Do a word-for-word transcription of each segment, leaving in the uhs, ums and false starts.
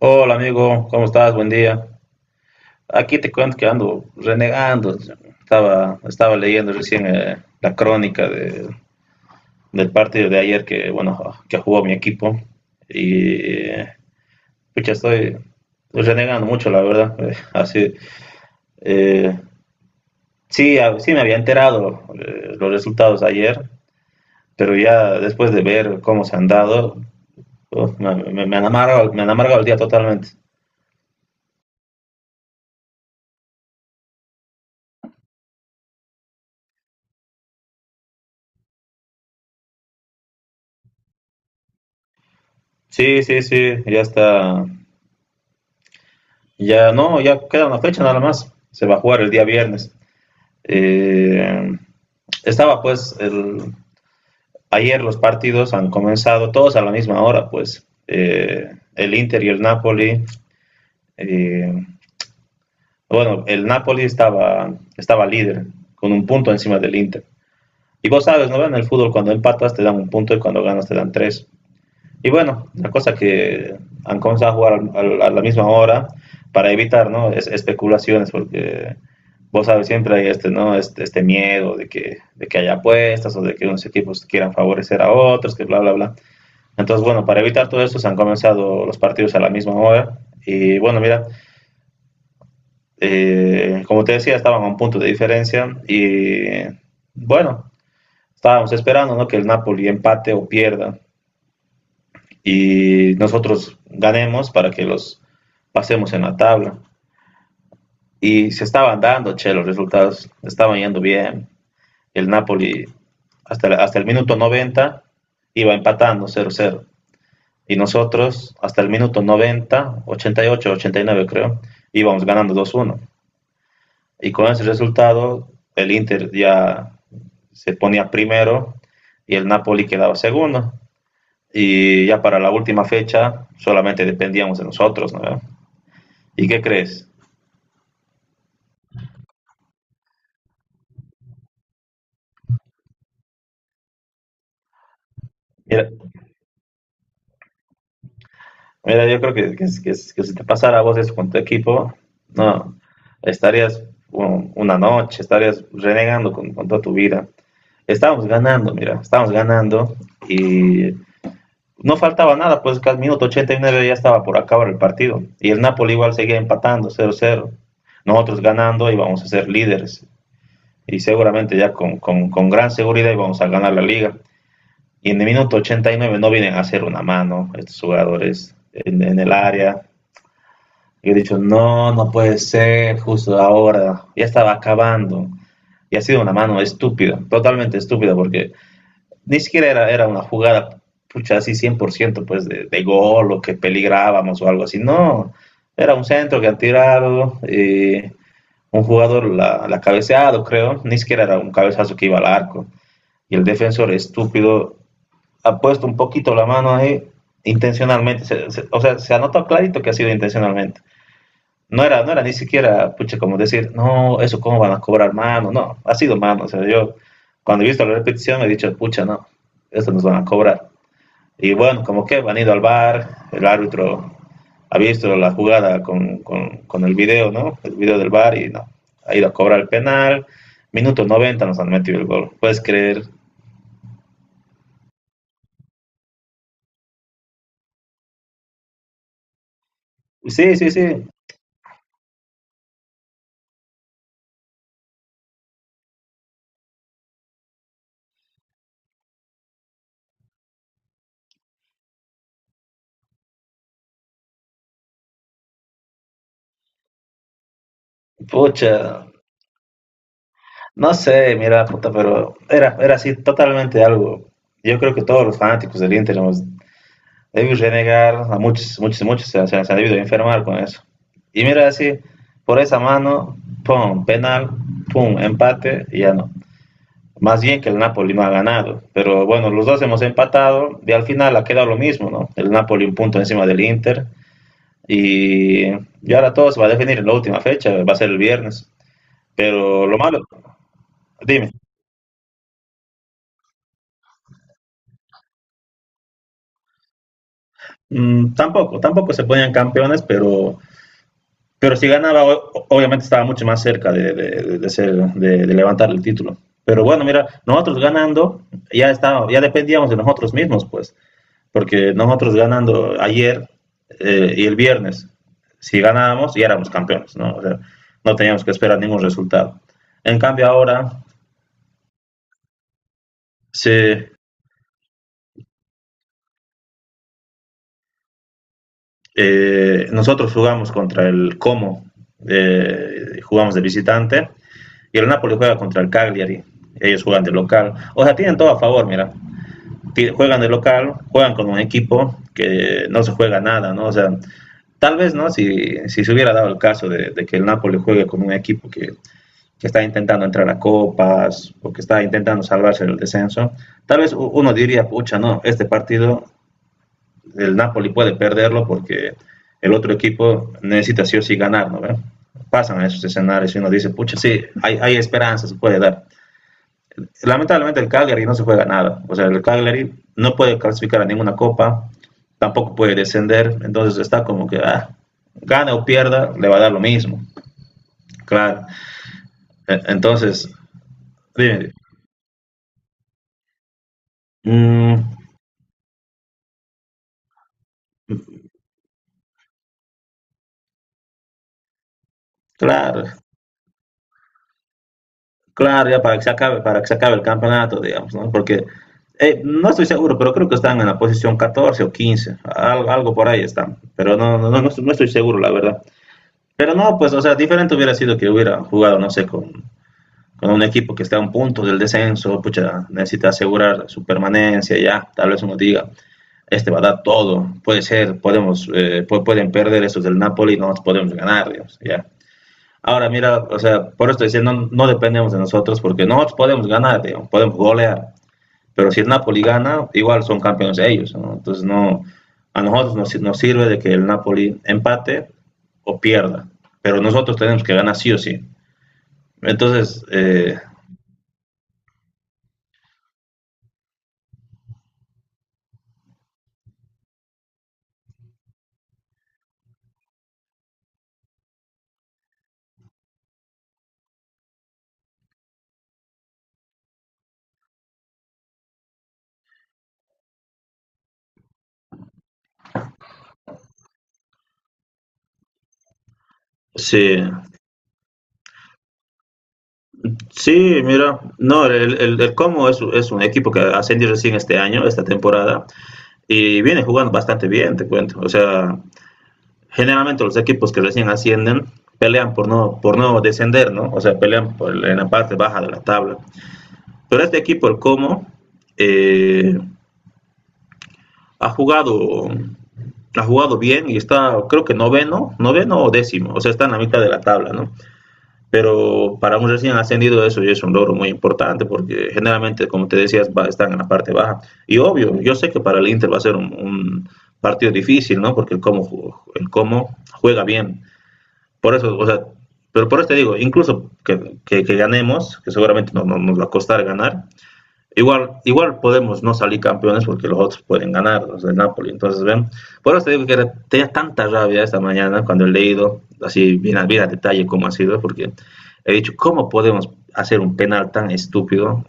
Hola amigo, ¿cómo estás? Buen día. Aquí te cuento que ando renegando. Estaba, estaba leyendo recién eh, la crónica de- del partido de ayer que, bueno, que jugó mi equipo. Y pucha, estoy renegando mucho, la verdad. Eh, así, eh, sí, a- sí me había enterado eh, los resultados ayer, pero ya después de ver cómo se han dado, uf, me, me- me han amargado, me han amargado el día totalmente. Sí, sí, sí, ya está. Ya no, ya queda una fecha nada más. Se va a jugar el día viernes. Eh, estaba pues el, ayer los partidos han comenzado todos a la misma hora, pues eh, el Inter y el Napoli. eh, bueno, el Napoli estaba, estaba líder con un punto encima del Inter. Y vos sabes, ¿no? En el fútbol cuando empatas te dan un punto y cuando ganas te dan tres. Y bueno, la cosa que han comenzado a jugar a la misma hora para evitar, ¿no? Es- especulaciones, porque vos sabes, siempre hay este, ¿no? Este, este miedo de que, de que haya apuestas o de que unos equipos quieran favorecer a otros, que bla, bla, bla. Entonces, bueno, para evitar todo eso se han comenzado los partidos a la misma hora. Y bueno, mira, eh, como te decía, estaban a un punto de diferencia y bueno, estábamos esperando, ¿no? Que el Napoli empate o pierda y nosotros ganemos para que los pasemos en la tabla. Y se estaban dando, che, los resultados estaban yendo bien. El Napoli hasta, hasta el minuto noventa iba empatando cero cero. Y nosotros hasta el minuto noventa ochenta y ocho ochenta y nueve creo, íbamos ganando dos uno. Y con ese resultado el Inter ya se ponía primero y el Napoli quedaba segundo. Y ya para la última fecha solamente dependíamos de nosotros, ¿no? ¿Y qué crees? Mira, mira yo creo que, que, que, que si te pasara a vos eso con tu equipo, no, estarías un- una noche, estarías renegando con, con toda tu vida. Estábamos ganando, mira, estábamos ganando y no faltaba nada, pues que al minuto ochenta y nueve ya estaba por acabar el partido. Y el Napoli igual seguía empatando, cero cero. Nosotros ganando íbamos a ser líderes y seguramente ya con, con, con gran seguridad íbamos a ganar la liga. Y en el minuto ochenta y nueve no vienen a hacer una mano estos jugadores en, en el área. Yo he dicho, no, no puede ser, justo ahora, ya estaba acabando. Y ha sido una mano estúpida, totalmente estúpida, porque ni siquiera era, era una jugada, pucha, así cien por ciento pues de, de gol o que peligrábamos o algo así. No, era un centro que han tirado, y un jugador la, la cabeceado, creo, ni siquiera era un cabezazo que iba al arco. Y el defensor estúpido ha puesto un poquito la mano ahí intencionalmente. Se- se- o sea, se ha notado clarito que ha sido intencionalmente. No era, no era ni siquiera, pucha, como decir, no, eso cómo van a cobrar mano. No, ha sido mano. O sea, yo cuando he visto la repetición he dicho, pucha, no, esto nos van a cobrar. Y bueno, como que han ido al bar, el árbitro ha visto la jugada con, con- con el video, ¿no? El video del bar y no, ha ido a cobrar el penal. Minuto noventa nos han metido el gol, ¿puedes creer? Sí, sí, sí. Pucha, no sé, mira, puta, pero era, era así totalmente algo. Yo creo que todos los fanáticos del Inter hemos debido renegar, a muchos, muchos, muchos se, se- se han debido enfermar con eso. Y mira, así, por esa mano, pum, penal, pum, empate, y ya no. Más bien que el Napoli no ha ganado. Pero bueno, los dos hemos empatado y al final ha quedado lo mismo, ¿no? El Napoli un punto encima del Inter. Y, y ahora todo se va a definir en la última fecha, va a ser el viernes. Pero lo malo, dime. Mm, tampoco, tampoco se ponían campeones, pero, pero si ganaba, o- obviamente estaba mucho más cerca de, de- de ser, de, de levantar el título. Pero bueno, mira, nosotros ganando, ya estábamos, ya dependíamos de nosotros mismos, pues, porque nosotros ganando ayer eh, y el viernes, si ganábamos, ya éramos campeones, ¿no? O sea, no teníamos que esperar ningún resultado. En cambio, ahora se, eh, nosotros jugamos contra el Como, eh, jugamos de visitante. Y el Napoli juega contra el Cagliari. Ellos juegan de local. O sea, tienen todo a favor, mira. Juegan de local, juegan con un equipo que no se juega nada, ¿no? O sea, tal vez, ¿no? Si, si se hubiera dado el caso de, de que el Napoli juegue con un equipo que, que, está intentando entrar a copas o que está intentando salvarse del descenso, tal vez uno diría, pucha, no, este partido el Napoli puede perderlo porque el otro equipo necesita sí o sí ganar, ¿no? ¿Ve? Pasan a esos escenarios y uno dice, pucha, sí, hay, hay esperanza, se puede dar. Lamentablemente el Cagliari no se juega nada. O sea, el Cagliari no puede clasificar a ninguna copa, tampoco puede descender, entonces está como que ah, gana o pierda, le va a dar lo mismo. Claro. Entonces, dime, mm, claro, claro, ya para que se acabe, para que se acabe el campeonato, digamos, ¿no? Porque eh, no estoy seguro, pero creo que están en la posición catorce o quince, algo, algo por ahí están, pero no, no, no, no, estoy seguro, la verdad. Pero no, pues, o sea, diferente hubiera sido que hubiera jugado, no sé, con, con un equipo que está a un punto del descenso, pucha, necesita asegurar su permanencia ya, tal vez uno diga, este va a dar todo, puede ser, podemos, eh, pueden perder estos del Napoli, no nos podemos ganar, digamos, ya. Ahora mira, o sea, por esto diciendo, no, no dependemos de nosotros porque nosotros podemos ganar, digamos, podemos golear, pero si el Napoli gana, igual son campeones ellos, ¿no? Entonces no, a nosotros nos, nos sirve de que el Napoli empate o pierda, pero nosotros tenemos que ganar sí o sí. Entonces, eh, sí, sí, mira, no, el, el, el Como es, es un equipo que ascendió recién este año, esta temporada, y viene jugando bastante bien, te cuento. O sea, generalmente los equipos que recién ascienden pelean por no, por no descender, ¿no? O sea, pelean por, el- en la parte baja de la tabla. Pero este equipo, el Como, eh, ha jugado ha jugado bien y está creo que noveno, noveno o décimo, o sea, está en la mitad de la tabla, ¿no? Pero para un recién ascendido eso ya es un logro muy importante porque generalmente, como te decías, va, están en la parte baja. Y obvio, yo sé que para el Inter va a ser un, un partido difícil, ¿no? Porque el cómo, el cómo juega bien. Por eso, o sea, pero por eso te digo, incluso que, que, que ganemos, que seguramente nos no, nos va a costar ganar. Igual, igual podemos no salir campeones porque los otros pueden ganar, los de Napoli. Entonces, ven, por eso te digo que era- tenía tanta rabia esta mañana cuando he leído, así bien, a- bien a detalle cómo ha sido, porque he dicho, ¿cómo podemos hacer un penal tan estúpido?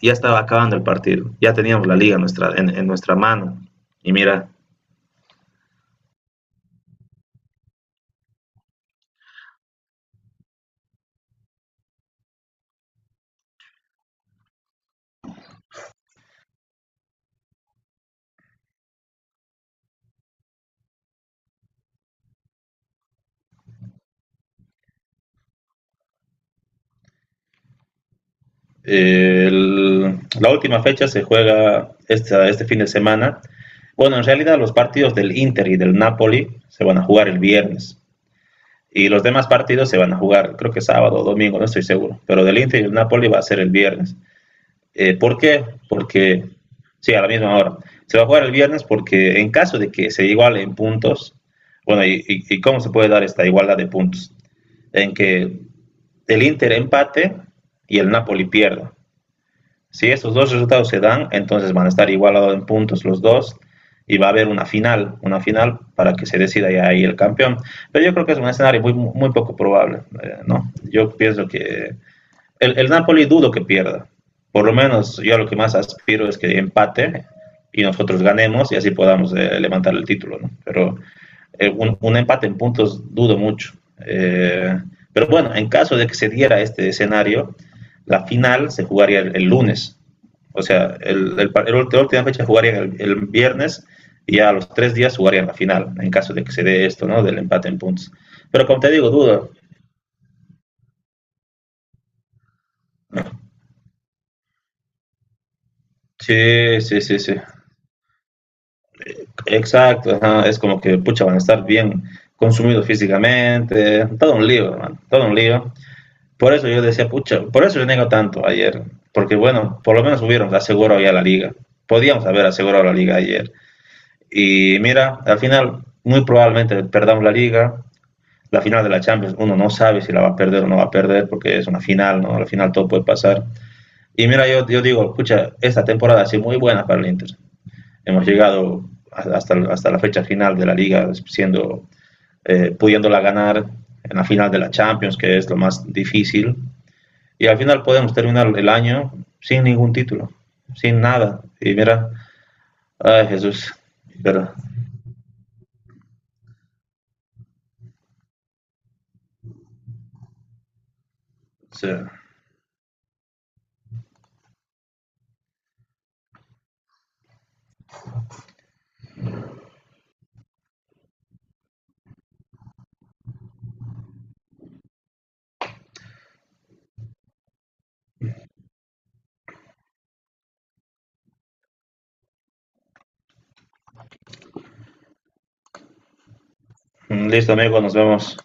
Ya estaba acabando el partido, ya teníamos la liga nuestra, en, en nuestra mano. Y mira, eh, el- la última fecha se juega esta- este fin de semana. Bueno, en realidad los partidos del Inter y del Napoli se van a jugar el viernes. Y los demás partidos se van a jugar, creo que sábado o domingo, no estoy seguro. Pero del Inter y el Napoli va a ser el viernes. Eh, ¿Por qué? Porque, sí, a la misma hora. Se va a jugar el viernes porque en caso de que se iguale en puntos, bueno, y, y, y cómo se puede dar esta igualdad de puntos? En que el Inter empate y el Napoli pierda. Si estos dos resultados se dan, entonces van a estar igualados en puntos los dos y va a haber una final, una final para que se decida ya ahí el campeón. Pero yo creo que es un escenario muy, muy poco probable, eh, ¿no? Yo pienso que el, el Napoli dudo que pierda. Por lo menos yo lo que más aspiro es que empate y nosotros ganemos y así podamos eh, levantar el título, ¿no? Pero eh, un, un, empate en puntos dudo mucho. Eh, pero bueno, en caso de que se diera este escenario, la final se jugaría el, el lunes. O sea, el, el, el, la última fecha jugaría el, el viernes y a los tres días jugarían la final, en caso de que se dé esto, ¿no? Del empate en puntos. Pero como te digo, duda. Sí, sí, sí, sí. Exacto. Ajá. Es como que, pucha, van a estar bien consumidos físicamente. Todo un lío, man. Todo un lío. Por eso yo decía, pucha, por eso yo nego tanto ayer, porque bueno, por lo menos hubieron asegurado ya la liga. Podíamos haber asegurado la liga ayer. Y mira, al final muy probablemente perdamos la liga. La final de la Champions, uno no sabe si la va a perder o no va a perder, porque es una final, ¿no? Al final todo puede pasar. Y mira, yo, yo digo, pucha, esta temporada ha sido muy buena para el Inter. Hemos llegado hasta, hasta la fecha final de la liga, siendo, eh, pudiéndola ganar en la final de la Champions, que es lo más difícil y al final podemos terminar el año sin ningún título, sin nada. Y mira, ay Jesús, pero sí. Listo amigo, nos vemos.